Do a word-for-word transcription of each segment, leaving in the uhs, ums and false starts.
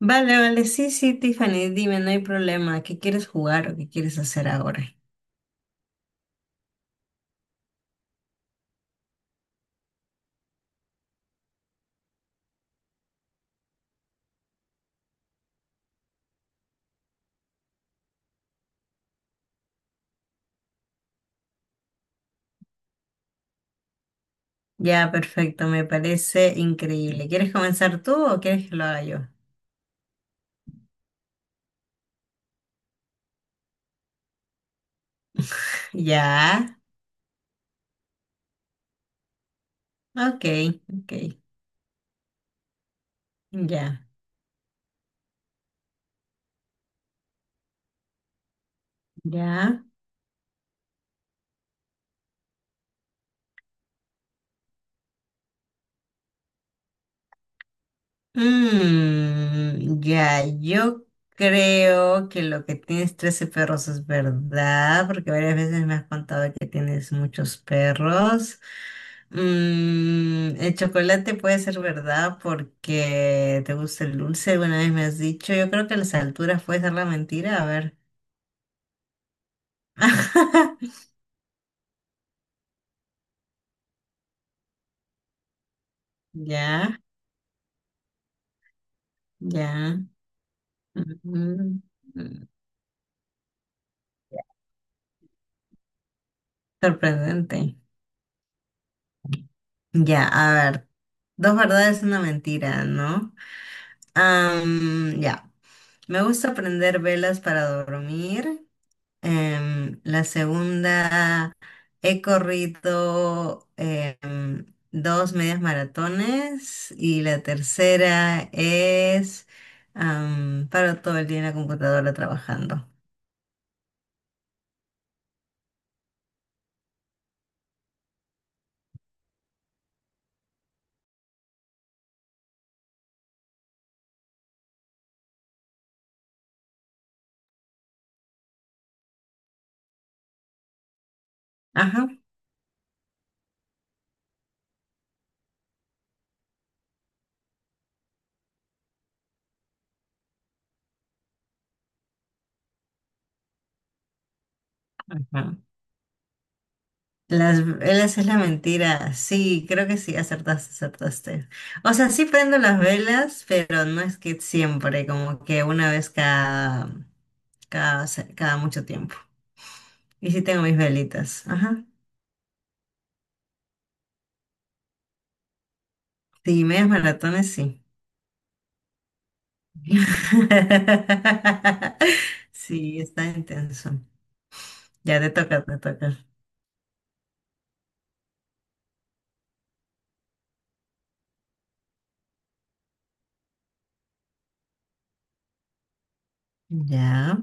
Vale, vale, sí, sí, Tiffany, dime, no hay problema. ¿Qué quieres jugar o qué quieres hacer ahora? Ya, perfecto, me parece increíble. ¿Quieres comenzar tú o quieres que lo haga yo? Ya, ok, ok, ya, ya. Mm, ya, yo creo que lo que tienes trece perros es verdad, porque varias veces me has contado que tienes muchos perros. Mm, el chocolate puede ser verdad porque te gusta el dulce, alguna vez me has dicho. Yo creo que las alturas puede ser la mentira, a ver. Ya, ya. Ujú. Sorprendente. Ya, a ver, dos verdades, una mentira, ¿no? Am, ya. Me gusta prender velas para dormir. Em, la segunda, he corrido em, dos medias maratones. Y la tercera es, am, paro todo el día en la computadora trabajando. Ajá. Ajá. Las velas es la mentira. Sí, creo que sí, acertaste, acertaste. O sea, sí prendo las velas, pero no es que siempre, como que una vez cada... cada, se- cada mucho tiempo. Y sí tengo mis velitas. Ajá. Sí, medias maratones, sí. Sí, está intenso. Ya te toca, te toca. Ya,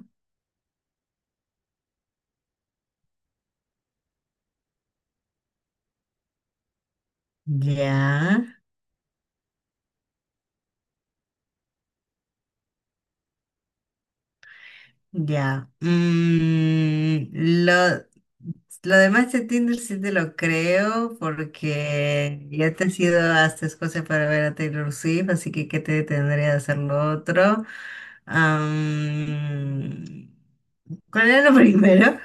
ya, ya. Mm, lo, lo demás de Tinder sí te lo creo porque ya te has ido hasta Escocia para ver a Taylor Swift, así que ¿qué te detendría de hacer lo otro? Am, ¿cuál era lo primero?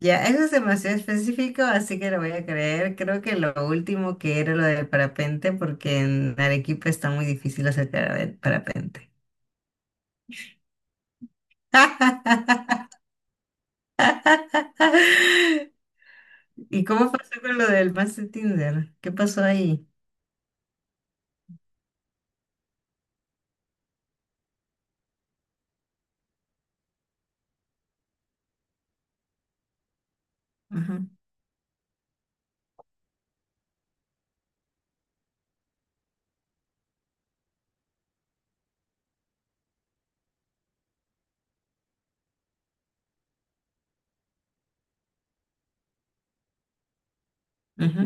Ya, eso es demasiado específico, así que lo voy a creer. Creo que lo último que era lo del parapente, porque en Arequipa está muy difícil acercar el parapente. ¿Y cómo pasó con lo del match de Tinder? ¿Qué pasó ahí? Ajá, ajá,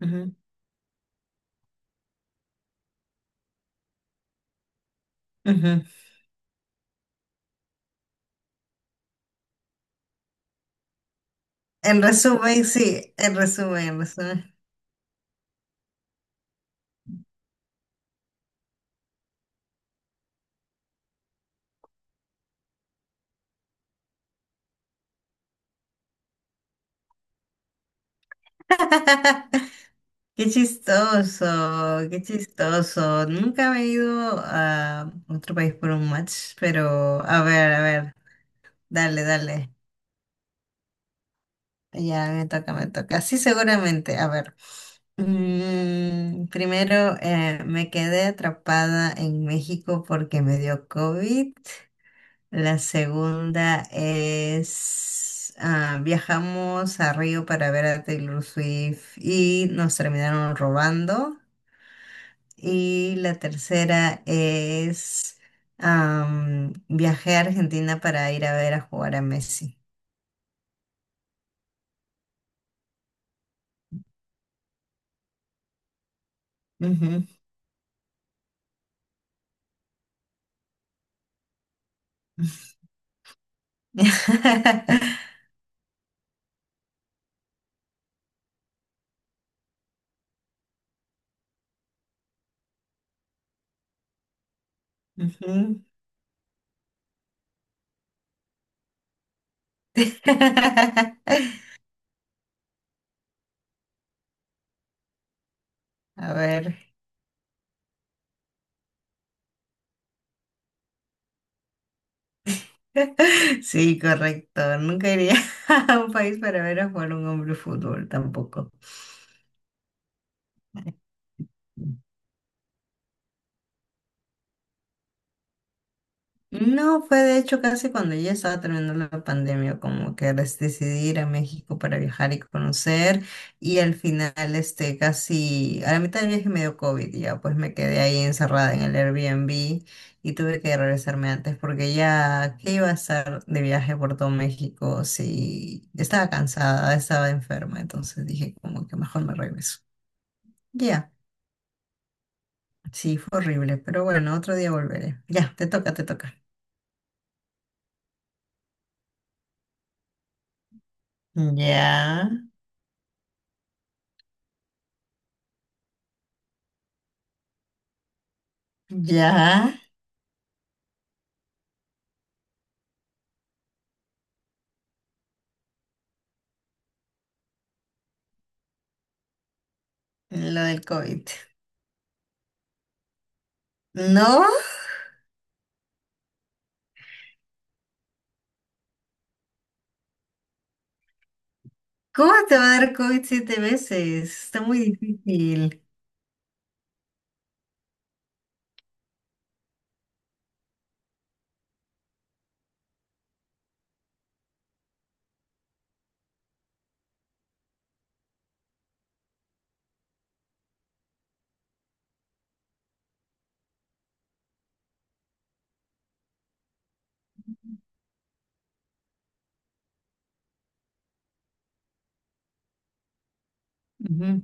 ajá, ajá. En resumen, sí, en resumen, en resumen. Qué chistoso, qué chistoso. Nunca me he ido a otro país por un match, pero a ver, a ver, dale, dale. Ya, me toca, me toca. Sí, seguramente. A ver. Mm, primero, eh, me quedé atrapada en México porque me dio COVID. La segunda es, ah, viajamos a Río para ver a Taylor Swift y nos terminaron robando. Y la tercera es, am, viajé a Argentina para ir a ver a jugar a Messi. Ujú. Ujú. A ver. Sí, correcto. Nunca iría a un país para ver a jugar un hombre fútbol tampoco. No, fue de hecho casi cuando ya estaba terminando la pandemia, como que res- decidí ir a México para viajar y conocer, y al final, este, casi a la mitad del viaje me dio COVID, y ya pues me quedé ahí encerrada en el Airbnb y tuve que regresarme antes porque ya, ¿qué iba a estar de viaje por todo México si estaba cansada, estaba enferma? Entonces dije como que mejor me regreso. Ya, sí, fue horrible, pero bueno, otro día volveré. Ya, te toca, te toca. Ya, ya. Lo del COVID. ¿No? ¿Cómo te va a dar COVID siete veces? Está muy difícil. Ujú.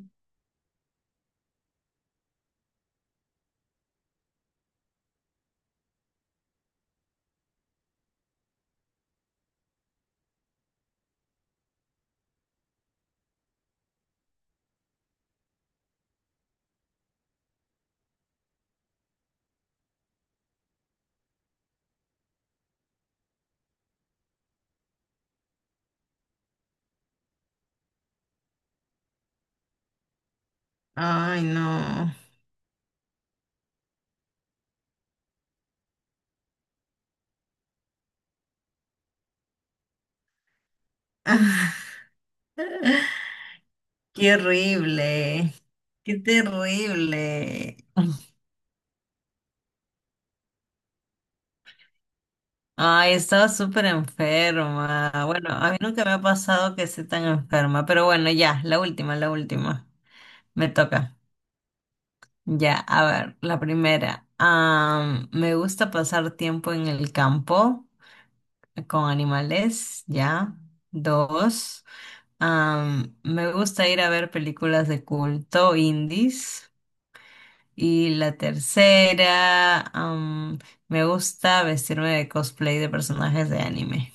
Ay, no. Ah, qué horrible. Qué terrible. Ay, estaba súper enferma. Bueno, a mí nunca me ha pasado que esté tan enferma, pero bueno, ya, la última, la última. Me toca. Ya, a ver, la primera. Am, me gusta pasar tiempo en el campo con animales, ya. Dos, am, me gusta ir a ver películas de culto indies. Y la tercera, am, me gusta vestirme de cosplay de personajes de anime.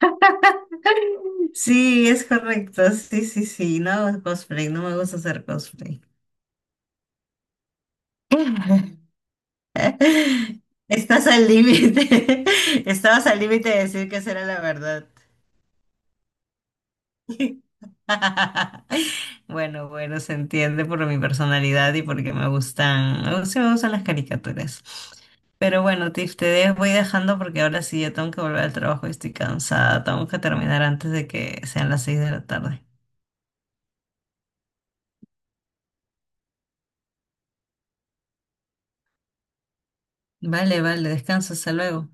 Sí, es correcto. Sí, sí, sí. No hago cosplay, no me gusta hacer cosplay. Estás al límite. Estabas al límite de decir que esa era la verdad. Bueno, bueno, se entiende por mi personalidad y porque me gustan, me gustan me gustan las caricaturas. Pero bueno, Tiff, te dejo- voy dejando porque ahora sí ya tengo que volver al trabajo y estoy cansada. Tengo que terminar antes de que sean las seis de la tarde. Vale, vale, descansa, hasta luego.